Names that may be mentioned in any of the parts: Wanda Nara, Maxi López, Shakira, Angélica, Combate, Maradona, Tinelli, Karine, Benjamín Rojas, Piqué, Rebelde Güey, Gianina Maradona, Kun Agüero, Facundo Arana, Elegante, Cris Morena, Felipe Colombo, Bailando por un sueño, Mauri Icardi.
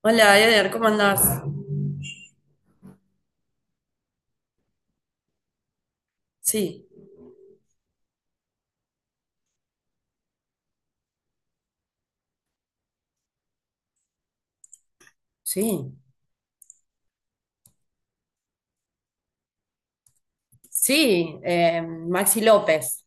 Hola, Eder, ¿cómo andás? Sí, sí, sí, Maxi López.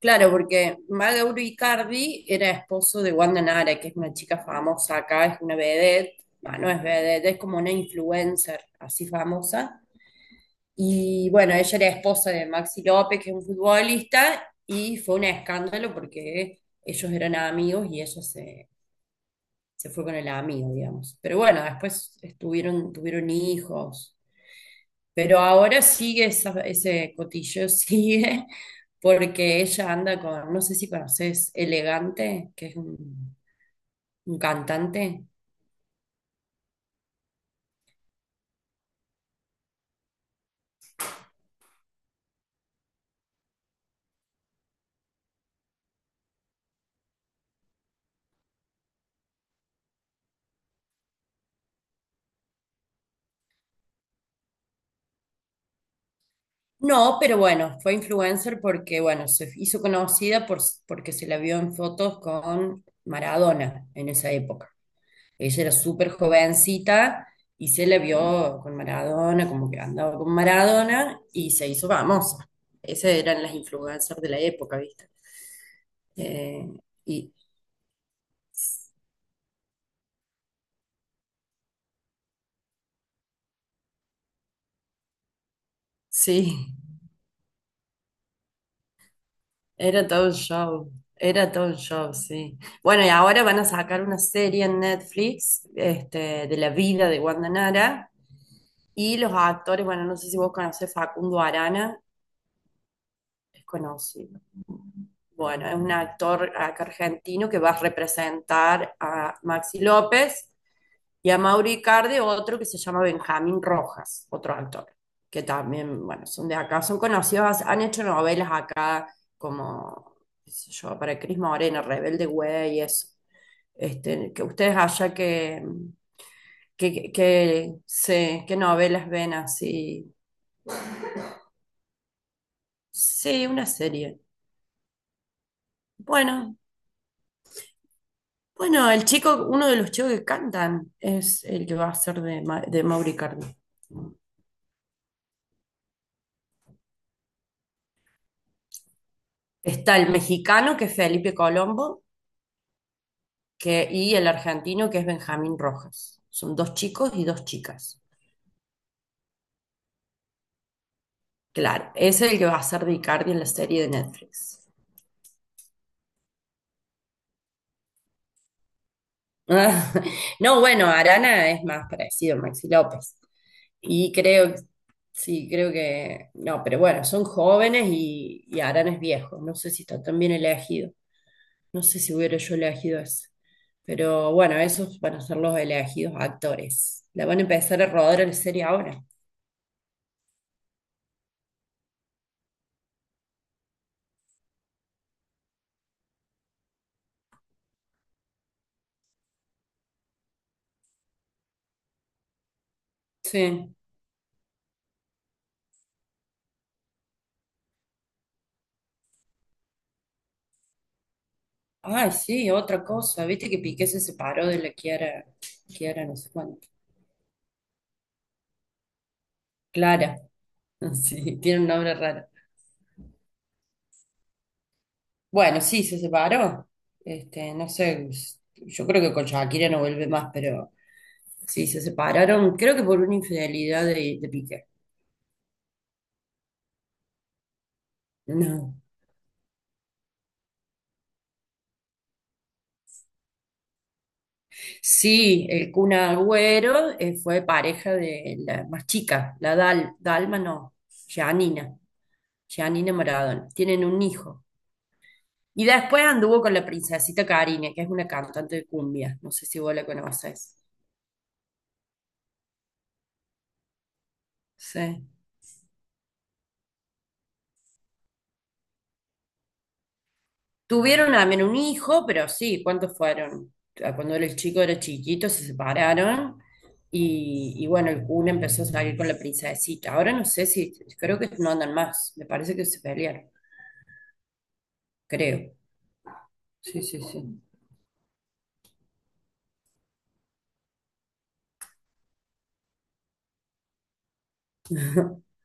Claro, porque Maga Icardi era esposo de Wanda Nara, que es una chica famosa acá, es una vedette. Bah, no es vedette, es como una influencer así famosa. Y bueno, ella era esposa de Maxi López, que es un futbolista, y fue un escándalo porque ellos eran amigos y ella se fue con el amigo, digamos. Pero bueno, después tuvieron hijos. Pero ahora sigue ese cotilleo, sigue, porque ella anda con no sé si conoces, Elegante, que es un cantante. No, pero bueno, fue influencer porque se hizo conocida por, porque se la vio en fotos con Maradona en esa época. Ella era súper jovencita y se la vio con Maradona, como que andaba con Maradona y se hizo famosa. Esas eran las influencers de la época, ¿viste? Eh, y sí, era todo un show, era todo un show, sí. Bueno, y ahora van a sacar una serie en Netflix, este, de la vida de Wanda Nara y los actores, bueno, no sé si vos conocés Facundo Arana, es conocido. Bueno, es un actor acá argentino que va a representar a Maxi López y a Mauri Icardi, otro que se llama Benjamín Rojas, otro actor, que también, bueno, son de acá, son conocidos, han hecho novelas acá como, qué sé yo, para Cris Morena, Rebelde Güey, y eso. Este, que ustedes allá que qué novelas ven así. Sí, una serie. Bueno, Bueno, el chico, uno de los chicos que cantan es el que va a ser de Mauri Cardi. Está el mexicano, que es Felipe Colombo, y el argentino, que es Benjamín Rojas. Son dos chicos y dos chicas. Claro, ese es el que va a ser de Icardi en la serie de Netflix. Ah, No, bueno, Arana es más parecido a Maxi López. Y creo, sí, creo que, no, pero bueno, son jóvenes y Arana es viejo. No sé si está tan bien elegido. No sé si hubiera yo elegido eso. Pero bueno, esos van a ser los elegidos actores. La van a empezar a rodar en serie ahora. Sí. Ay, sí, otra cosa. Viste que Piqué se separó de la Kiara, Kiara no sé cuánto. Clara. Sí, tiene un nombre raro. Bueno, sí, se separó. Este, no sé, yo creo que con Shakira no vuelve más, pero sí, se separaron, creo que por una infidelidad de Piqué. No. Sí, el Kun Agüero fue pareja de la más chica, la Dal, Dalma no, Gianina, Gianina Maradona. Tienen un hijo. Y después anduvo con la princesita Karine, que es una cantante de cumbia. No sé si vos la conoces. Sí. Tuvieron también un hijo, pero sí, ¿cuántos fueron? Ah, cuando era el chico era chiquito, se separaron y bueno, el Kun empezó a salir con la princesita. Ahora no sé si, creo que no andan más, me parece que se pelearon, creo. Sí, sí, sí.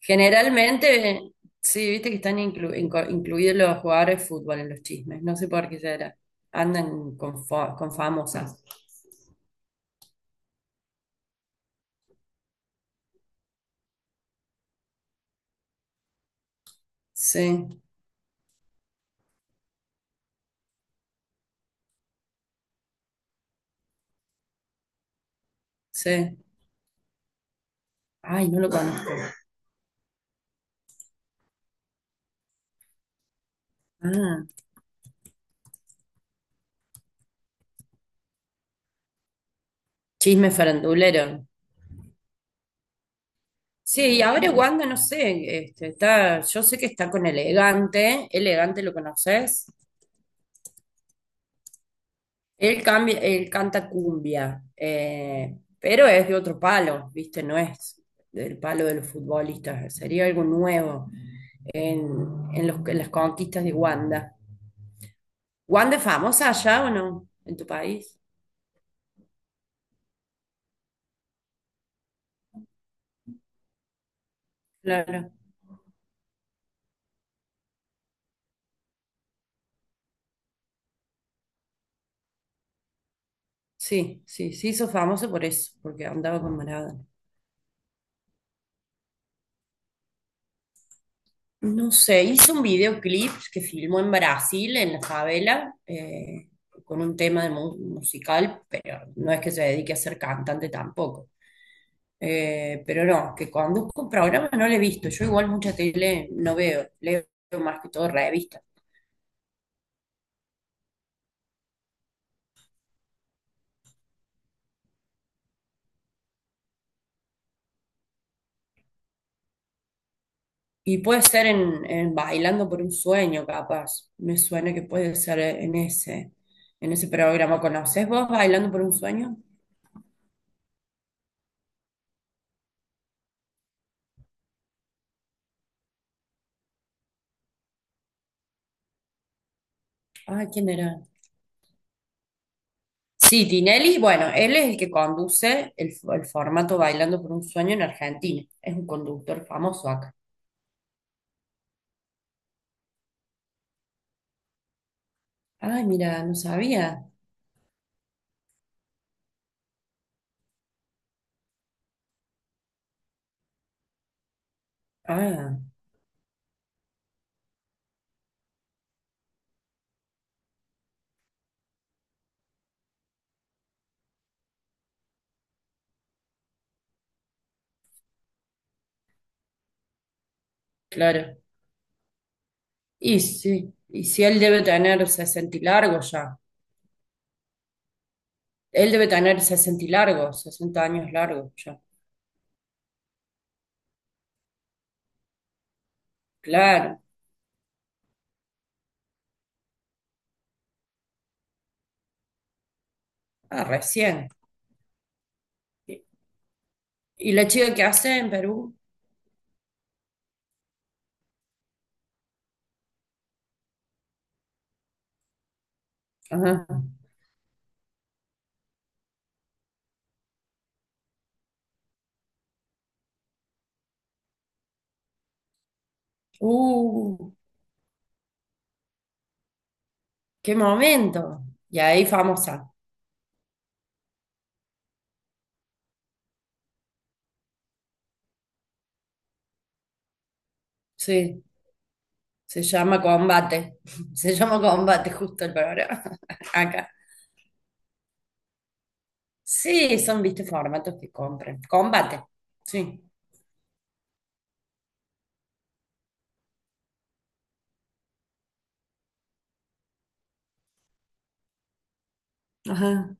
Generalmente, sí, viste que están incluidos los jugadores de fútbol en los chismes, no sé por qué será. Andan con, con famosas. Sí, sí. Ay, no lo conozco. Ah, chisme farandulero. Sí, y ahora Wanda, no sé, este, está, yo sé que está con Elegante, Elegante lo conoces, él cambia, él canta cumbia, pero es de otro palo, ¿viste? No es del palo de los futbolistas, sería algo nuevo en, en en las conquistas de Wanda. ¿Wanda es famosa allá o no? ¿En tu país? Claro. Sí, sí, sí, hizo famoso por eso, porque andaba con Maradona. No sé, hice un videoclip que filmó en Brasil, en la favela, con un tema de musical, pero no es que se dedique a ser cantante tampoco. Pero no, que conduzco un programa no lo he visto. Yo igual mucha tele no veo, leo más que todo revistas. Y puede ser en Bailando por un sueño, capaz. Me suena que puede ser en ese programa. ¿Conoces vos Bailando por un sueño? Ah, ¿quién era? Sí, Tinelli, bueno, él es el que conduce el formato Bailando por un Sueño en Argentina. Es un conductor famoso acá. Ay, mira, no sabía. Ah, claro. Y sí, y si él debe tener 60 y largos ya. Él debe tener 60 y largos, 60 años largos ya. Claro. Ah, recién. ¿Y, y la chica que hace en Perú? Ajá. Uh, qué momento. Y ahí famosa. Sí. Se llama combate, se llama combate justo el programa acá. Sí, son, viste, formatos que compran. Combate, sí. Ajá.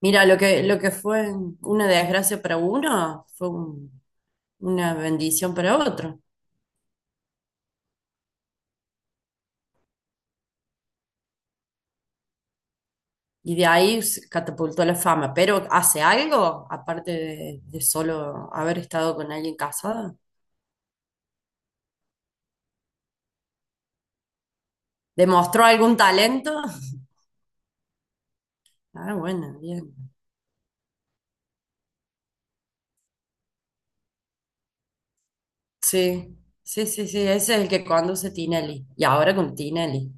Mira, lo que fue una desgracia para uno fue una bendición para otro. Y de ahí se catapultó la fama. Pero ¿hace algo? Aparte de solo haber estado con alguien casado. ¿Demostró algún talento? Ah, bueno, bien. Sí, sí, ese es el que conduce Tinelli. Y ahora con Tinelli.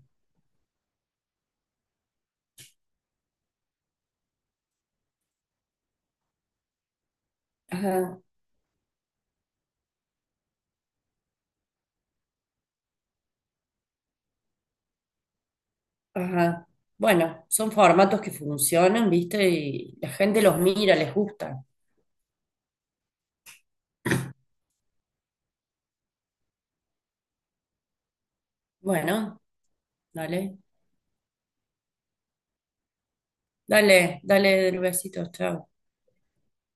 Ajá, ajá. Bueno, son formatos que funcionan, ¿viste? Y la gente los mira, les gusta. Bueno, dale, dale, besitos, chao.